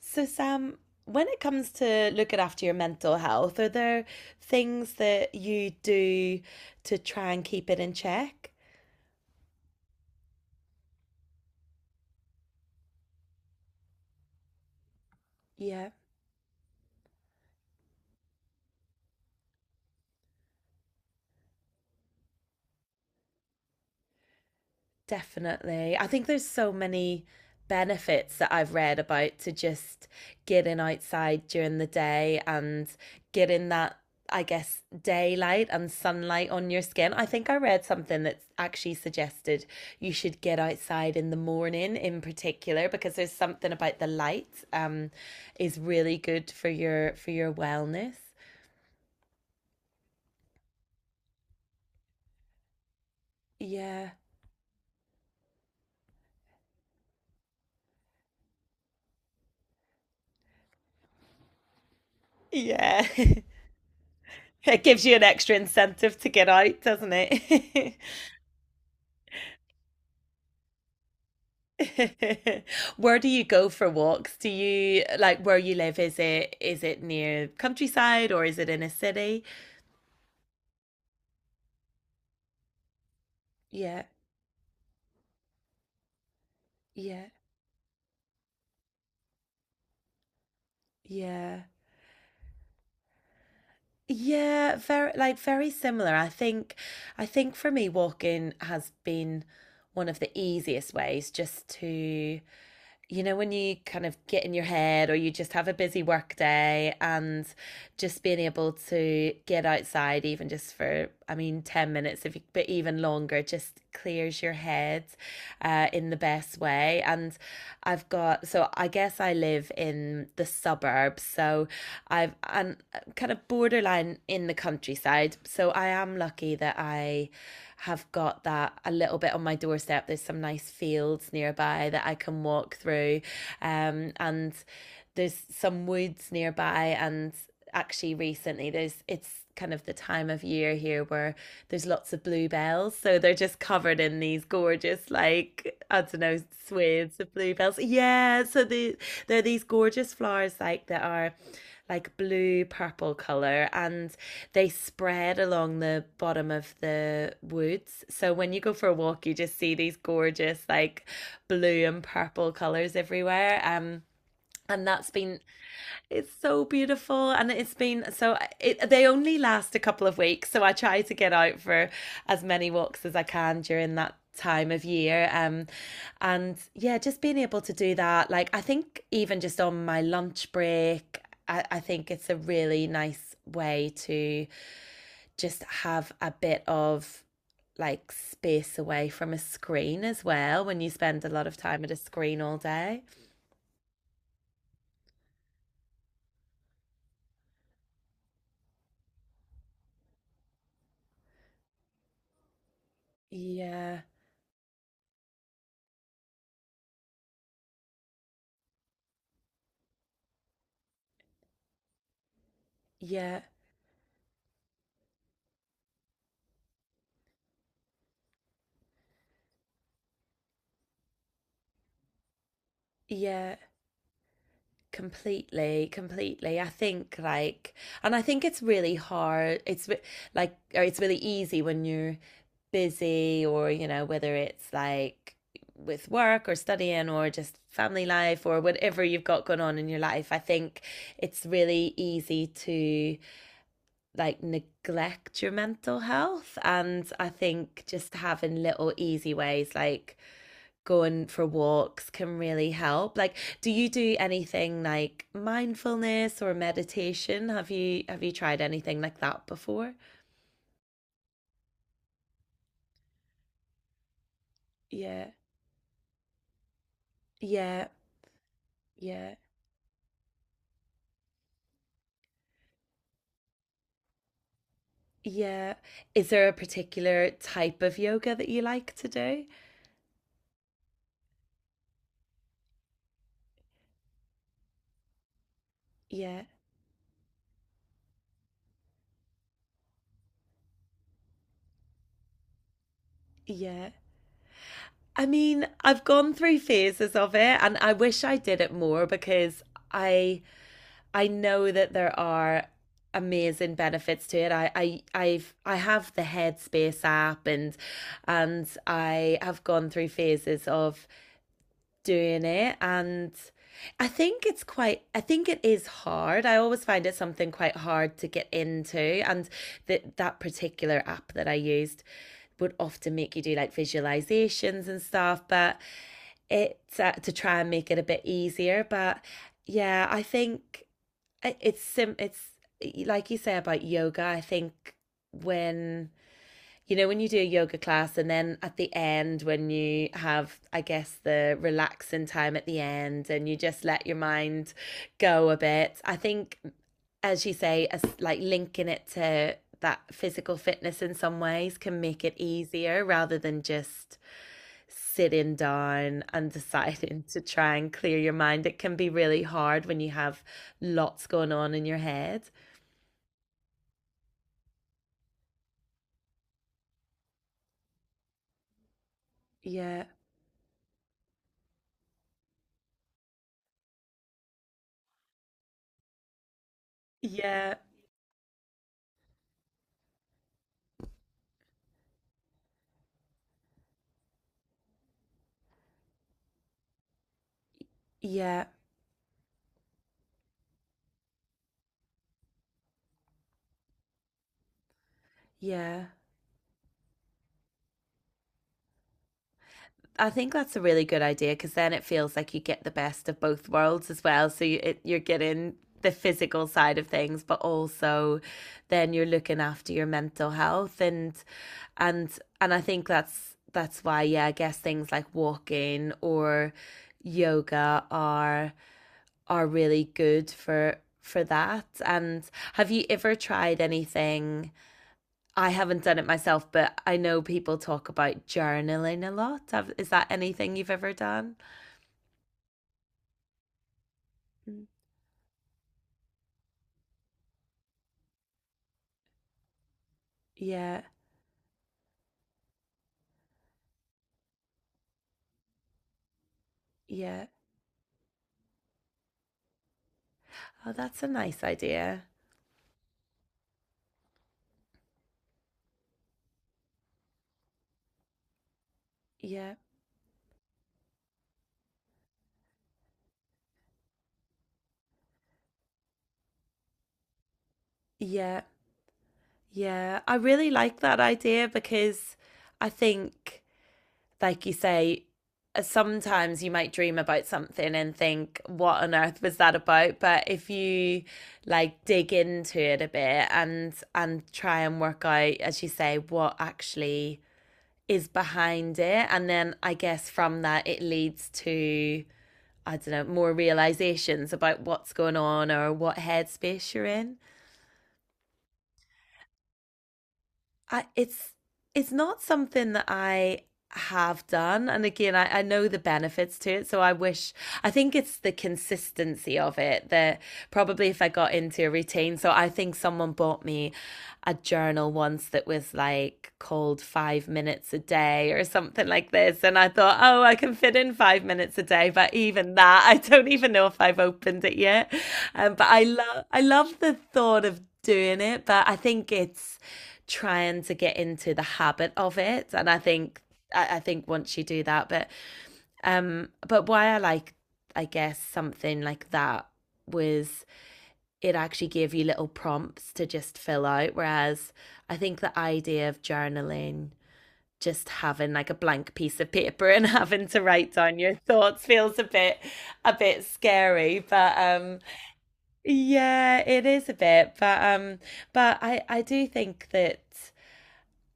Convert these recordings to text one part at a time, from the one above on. So, Sam, when it comes to looking after your mental health, are there things that you do to try and keep it in check? Yeah. Definitely. I think there's so many benefits that I've read about to just getting outside during the day and getting that, I guess, daylight and sunlight on your skin. I think I read something that actually suggested you should get outside in the morning in particular because there's something about the light is really good for your wellness. Yeah. Yeah. It gives you an extra incentive to get out, doesn't it? Where do you go for walks? Do you like where you live? Is it near countryside or is it in a city? Yeah, yeah, yeah. Yeah, very very similar. I think for me walking has been one of the easiest ways just to, you know, when you kind of get in your head or you just have a busy work day and just being able to get outside, even just for, I mean, 10 minutes, if you, but even longer, just clears your head in the best way. And I've got, so I guess I live in the suburbs. So I'm kind of borderline in the countryside. So I am lucky that I have got that a little bit on my doorstep. There's some nice fields nearby that I can walk through, and there's some woods nearby. And actually, recently, there's it's kind of the time of year here where there's lots of bluebells. So they're just covered in these gorgeous, like, I don't know, swathes of bluebells. Yeah, so there are these gorgeous flowers like that are like blue purple color, and they spread along the bottom of the woods, so when you go for a walk you just see these gorgeous like blue and purple colors everywhere, and that's been— it's so beautiful, and it's been so. They only last a couple of weeks, so I try to get out for as many walks as I can during that time of year. And yeah, just being able to do that, like I think even just on my lunch break, I think it's a really nice way to just have a bit of like space away from a screen as well when you spend a lot of time at a screen all day. Yeah, yeah, yeah. Completely, completely. I think, like, and I think it's really hard. It's like, or it's really easy when you're busy, or, you know, whether it's like with work or studying or just family life or whatever you've got going on in your life. I think it's really easy to like neglect your mental health, and I think just having little easy ways like going for walks can really help. Like, do you do anything like mindfulness or meditation? Have you tried anything like that before? Yeah. Yeah. Yeah. Yeah. Is there a particular type of yoga that you like to do? Yeah. Yeah. I mean, I've gone through phases of it and I wish I did it more because I I know that there are amazing benefits to it. I have the Headspace app, and I have gone through phases of doing it. And I think it's quite— I think it is hard. I always find it something quite hard to get into. And that particular app that I used would often make you do like visualizations and stuff, but it's to try and make it a bit easier. But yeah, I think it's like you say about yoga. I think when, you know, when you do a yoga class and then at the end when you have, I guess, the relaxing time at the end, and you just let your mind go a bit, I think, as you say, as like linking it to that physical fitness in some ways can make it easier rather than just sitting down and deciding to try and clear your mind. It can be really hard when you have lots going on in your head. Yeah, yeah, yeah, yeah. I think that's a really good idea because then it feels like you get the best of both worlds as well. You're getting the physical side of things, but also then you're looking after your mental health. And and and I think that's why, yeah, I guess things like walking or yoga are really good for that. And have you ever tried anything? I haven't done it myself, but I know people talk about journaling a lot. Is that anything you've ever done? Yeah, yeah. Oh, that's a nice idea. Yeah, yeah, yeah. I really like that idea because I think, like you say, sometimes you might dream about something and think, what on earth was that about? But if you like dig into it a bit and try and work out, as you say, what actually is behind it, and then I guess from that it leads to, I don't know, more realizations about what's going on or what headspace you're in. I It's not something that I have done. And again, I know the benefits to it. So I wish— I think it's the consistency of it that probably— if I got into a routine. So I think someone bought me a journal once that was like called 5 minutes a day or something like this. And I thought, oh, I can fit in 5 minutes a day. But even that, I don't even know if I've opened it yet. But I love the thought of doing it. But I think it's trying to get into the habit of it. And I think I think once you do that. But but why I like, I guess, something like that was it actually gave you little prompts to just fill out. Whereas I think the idea of journaling, just having like a blank piece of paper and having to write down your thoughts feels a bit— a bit scary. But, yeah, it is a bit. But but I do think that—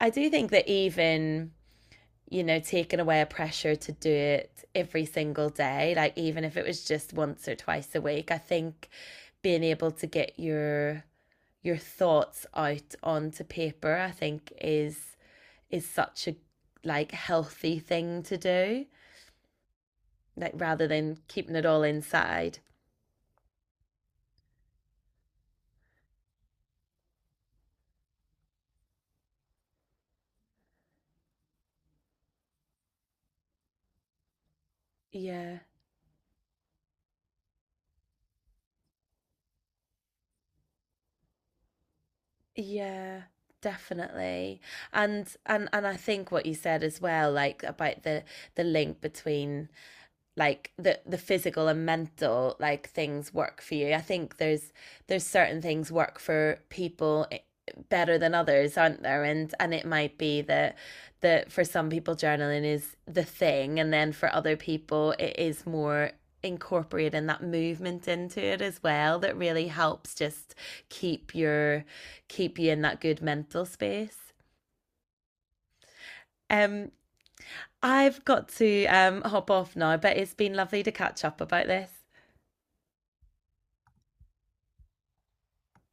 I do think that even, you know, taking away a pressure to do it every single day, like even if it was just once or twice a week, I think being able to get your thoughts out onto paper, I think is such a like healthy thing to do, like rather than keeping it all inside. Yeah. Yeah, definitely. And I think what you said as well, like about the link between like the physical and mental, like things work for you. I think there's certain things work for people, better than others, aren't there? And it might be that that for some people journaling is the thing, and then for other people it is more incorporating that movement into it as well that really helps just keep your keep you in that good mental space. Um I've got to hop off now, but it's been lovely to catch up about this.